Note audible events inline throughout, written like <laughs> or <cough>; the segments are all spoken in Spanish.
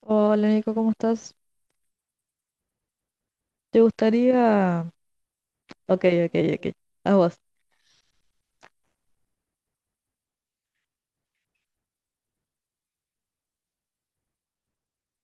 Hola Nico, ¿cómo estás? ¿Te gustaría? Ok, ok, ok. A vos.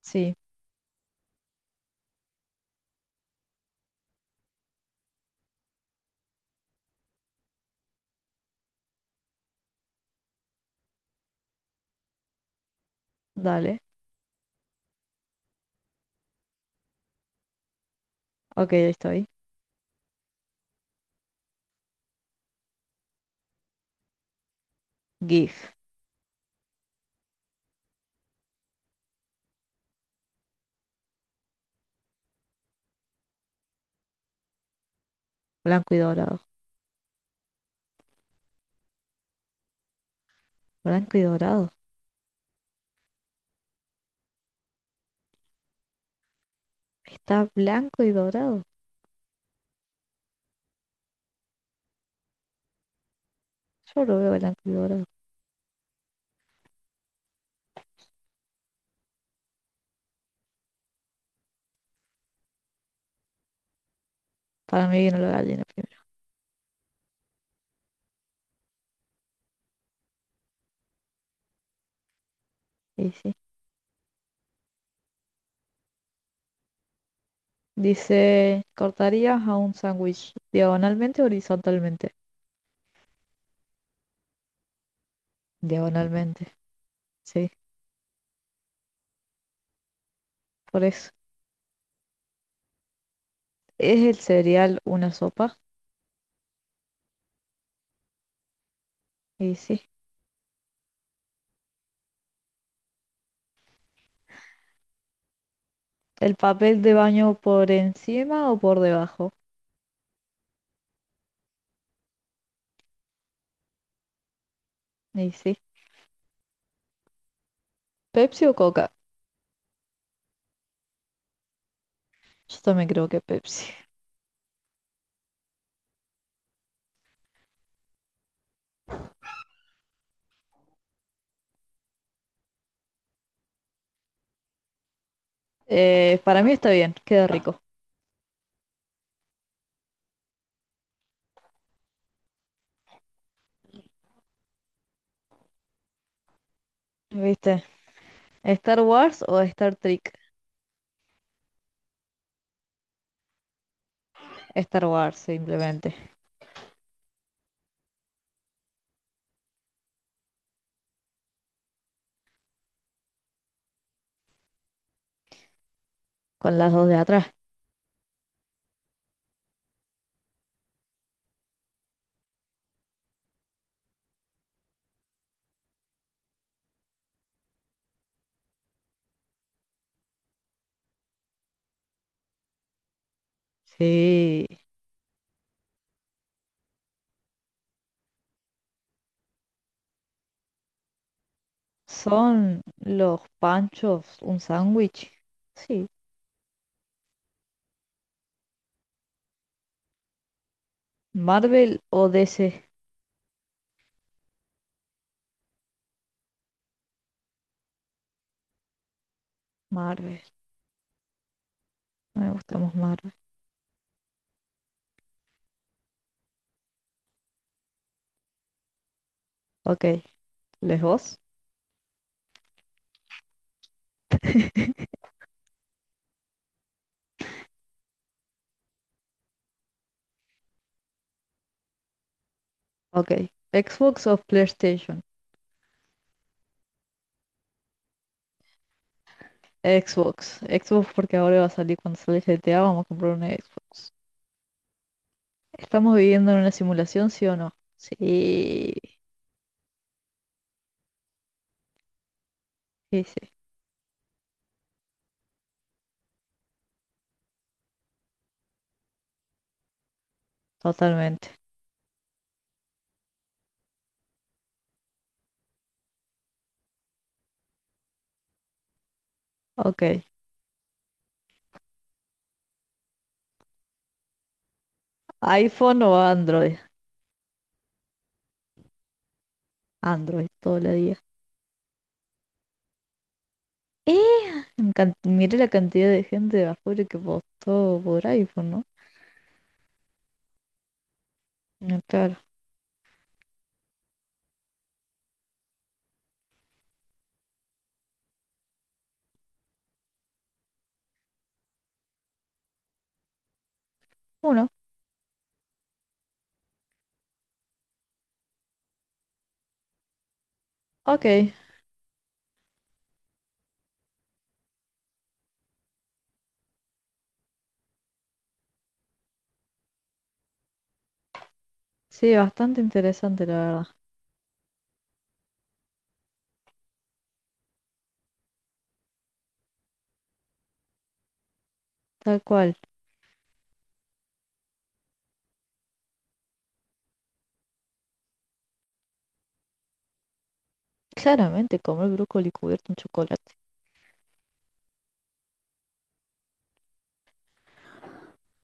Sí, dale. Ok, ahí estoy. GIF. Blanco y dorado. Blanco y dorado. Está blanco y dorado. Yo lo veo blanco y dorado. Para mí vino la gallina primero. Y sí. Dice, ¿cortarías a un sándwich diagonalmente o horizontalmente? Diagonalmente. Sí, por eso. ¿Es el cereal una sopa? Y sí. ¿El papel de baño por encima o por debajo? Y sí. ¿Pepsi o Coca? Yo también creo que Pepsi. Para mí está bien, queda rico. ¿Viste? ¿Star Wars o Star Trek? Star Wars, simplemente. Con las dos de atrás. Sí. ¿Son los panchos un sándwich? Sí. ¿Marvel o DC? Marvel. Me gustamos Marvel. Ok. ¿Les vos? Ok. ¿Xbox o PlayStation? Xbox. Xbox porque ahora va a salir cuando sale GTA, vamos a comprar una Xbox. ¿Estamos viviendo en una simulación, sí o no? Sí. Sí, sí, totalmente. Ok. ¿iPhone o Android? Android, todo el día. ¡Eh! En Mire la cantidad de gente de afuera que votó por iPhone, ¿no? Mm, claro. Uno. Ok. Sí, bastante interesante, la verdad. Tal cual. Claramente comer brócoli cubierto en chocolate.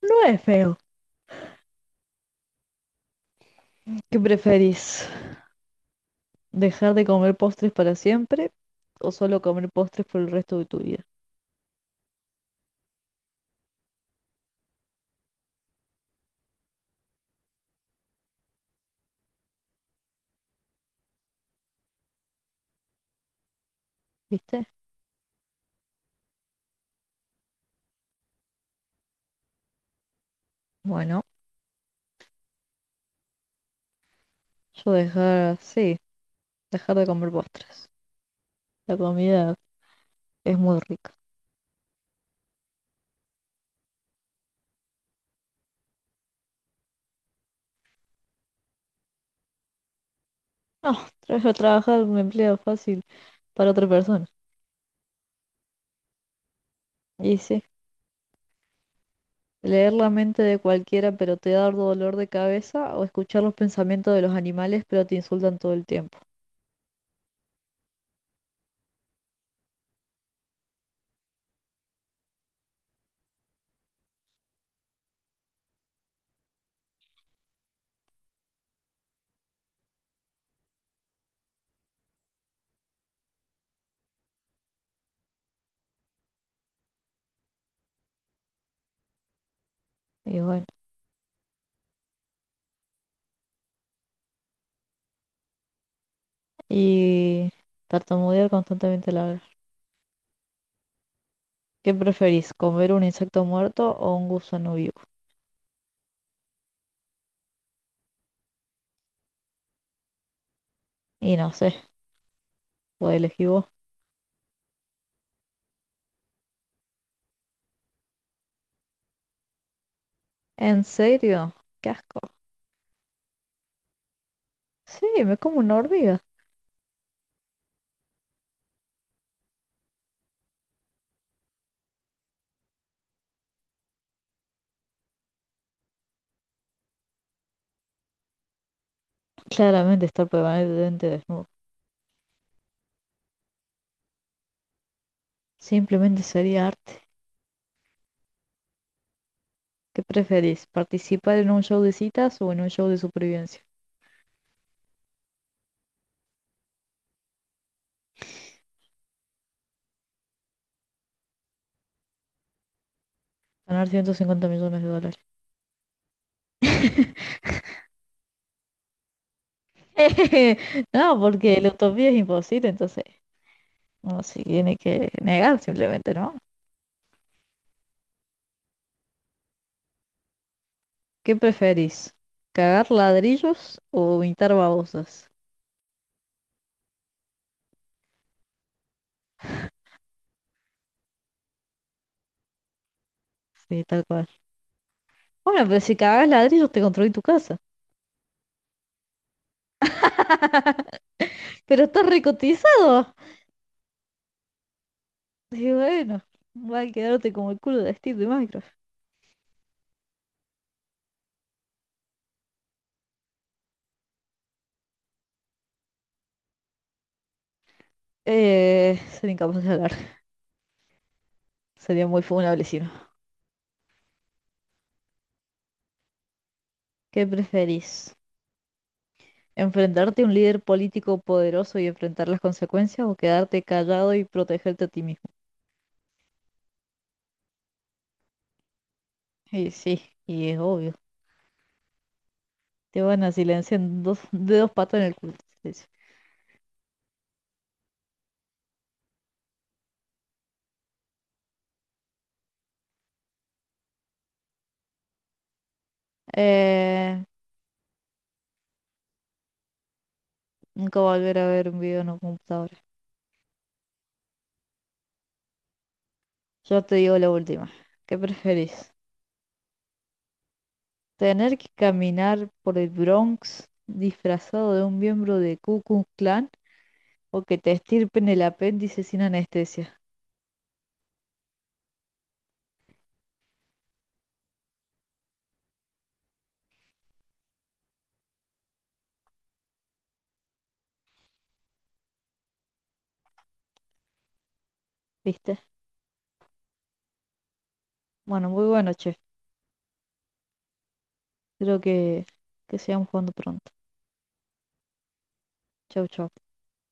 No es feo. ¿Qué preferís? ¿Dejar de comer postres para siempre o solo comer postres por el resto de tu vida? ¿Viste? Bueno, yo dejar, sí, dejar de comer postres. La comida es muy rica. No, trabajar un empleo fácil para otra persona. Y sí, leer la mente de cualquiera pero te da dolor de cabeza o escuchar los pensamientos de los animales pero te insultan todo el tiempo. Y bueno, y tartamudear constantemente la verdad. ¿Qué preferís, comer un insecto muerto o un gusano vivo? Y no sé, puedo elegir vos. ¿En serio? ¡Qué asco! Sí, me como una hormiga. Claramente estar permanentemente desnudo. Simplemente sería arte. ¿Qué preferís? ¿Participar en un show de citas o en un show de supervivencia? Ganar 150 millones de dólares. <laughs> No, porque la utopía es imposible, entonces uno se tiene que negar simplemente, ¿no? ¿Qué preferís? ¿Cagar ladrillos o pintar babosas? Sí, tal cual. Bueno, pero si cagas ladrillos te construí tu casa. Pero está recotizado. Y bueno, va a quedarte como el culo de Steve de Minecraft. Sería incapaz de hablar. Sería muy funable si no. ¿Qué preferís? ¿Enfrentarte a un líder político poderoso y enfrentar las consecuencias o quedarte callado y protegerte a ti mismo? Y sí, y es obvio. Te van a silenciar en de dos patas en el culo. Te silencio. Eh, Nunca volver a ver un video en un computador. Yo te digo la última. ¿Qué preferís? ¿Tener que caminar por el Bronx disfrazado de un miembro de Ku Klux Klan o que te estirpen el apéndice sin anestesia? ¿Viste? Bueno, muy bueno, che. Creo que sigamos jugando pronto. Chau, chau.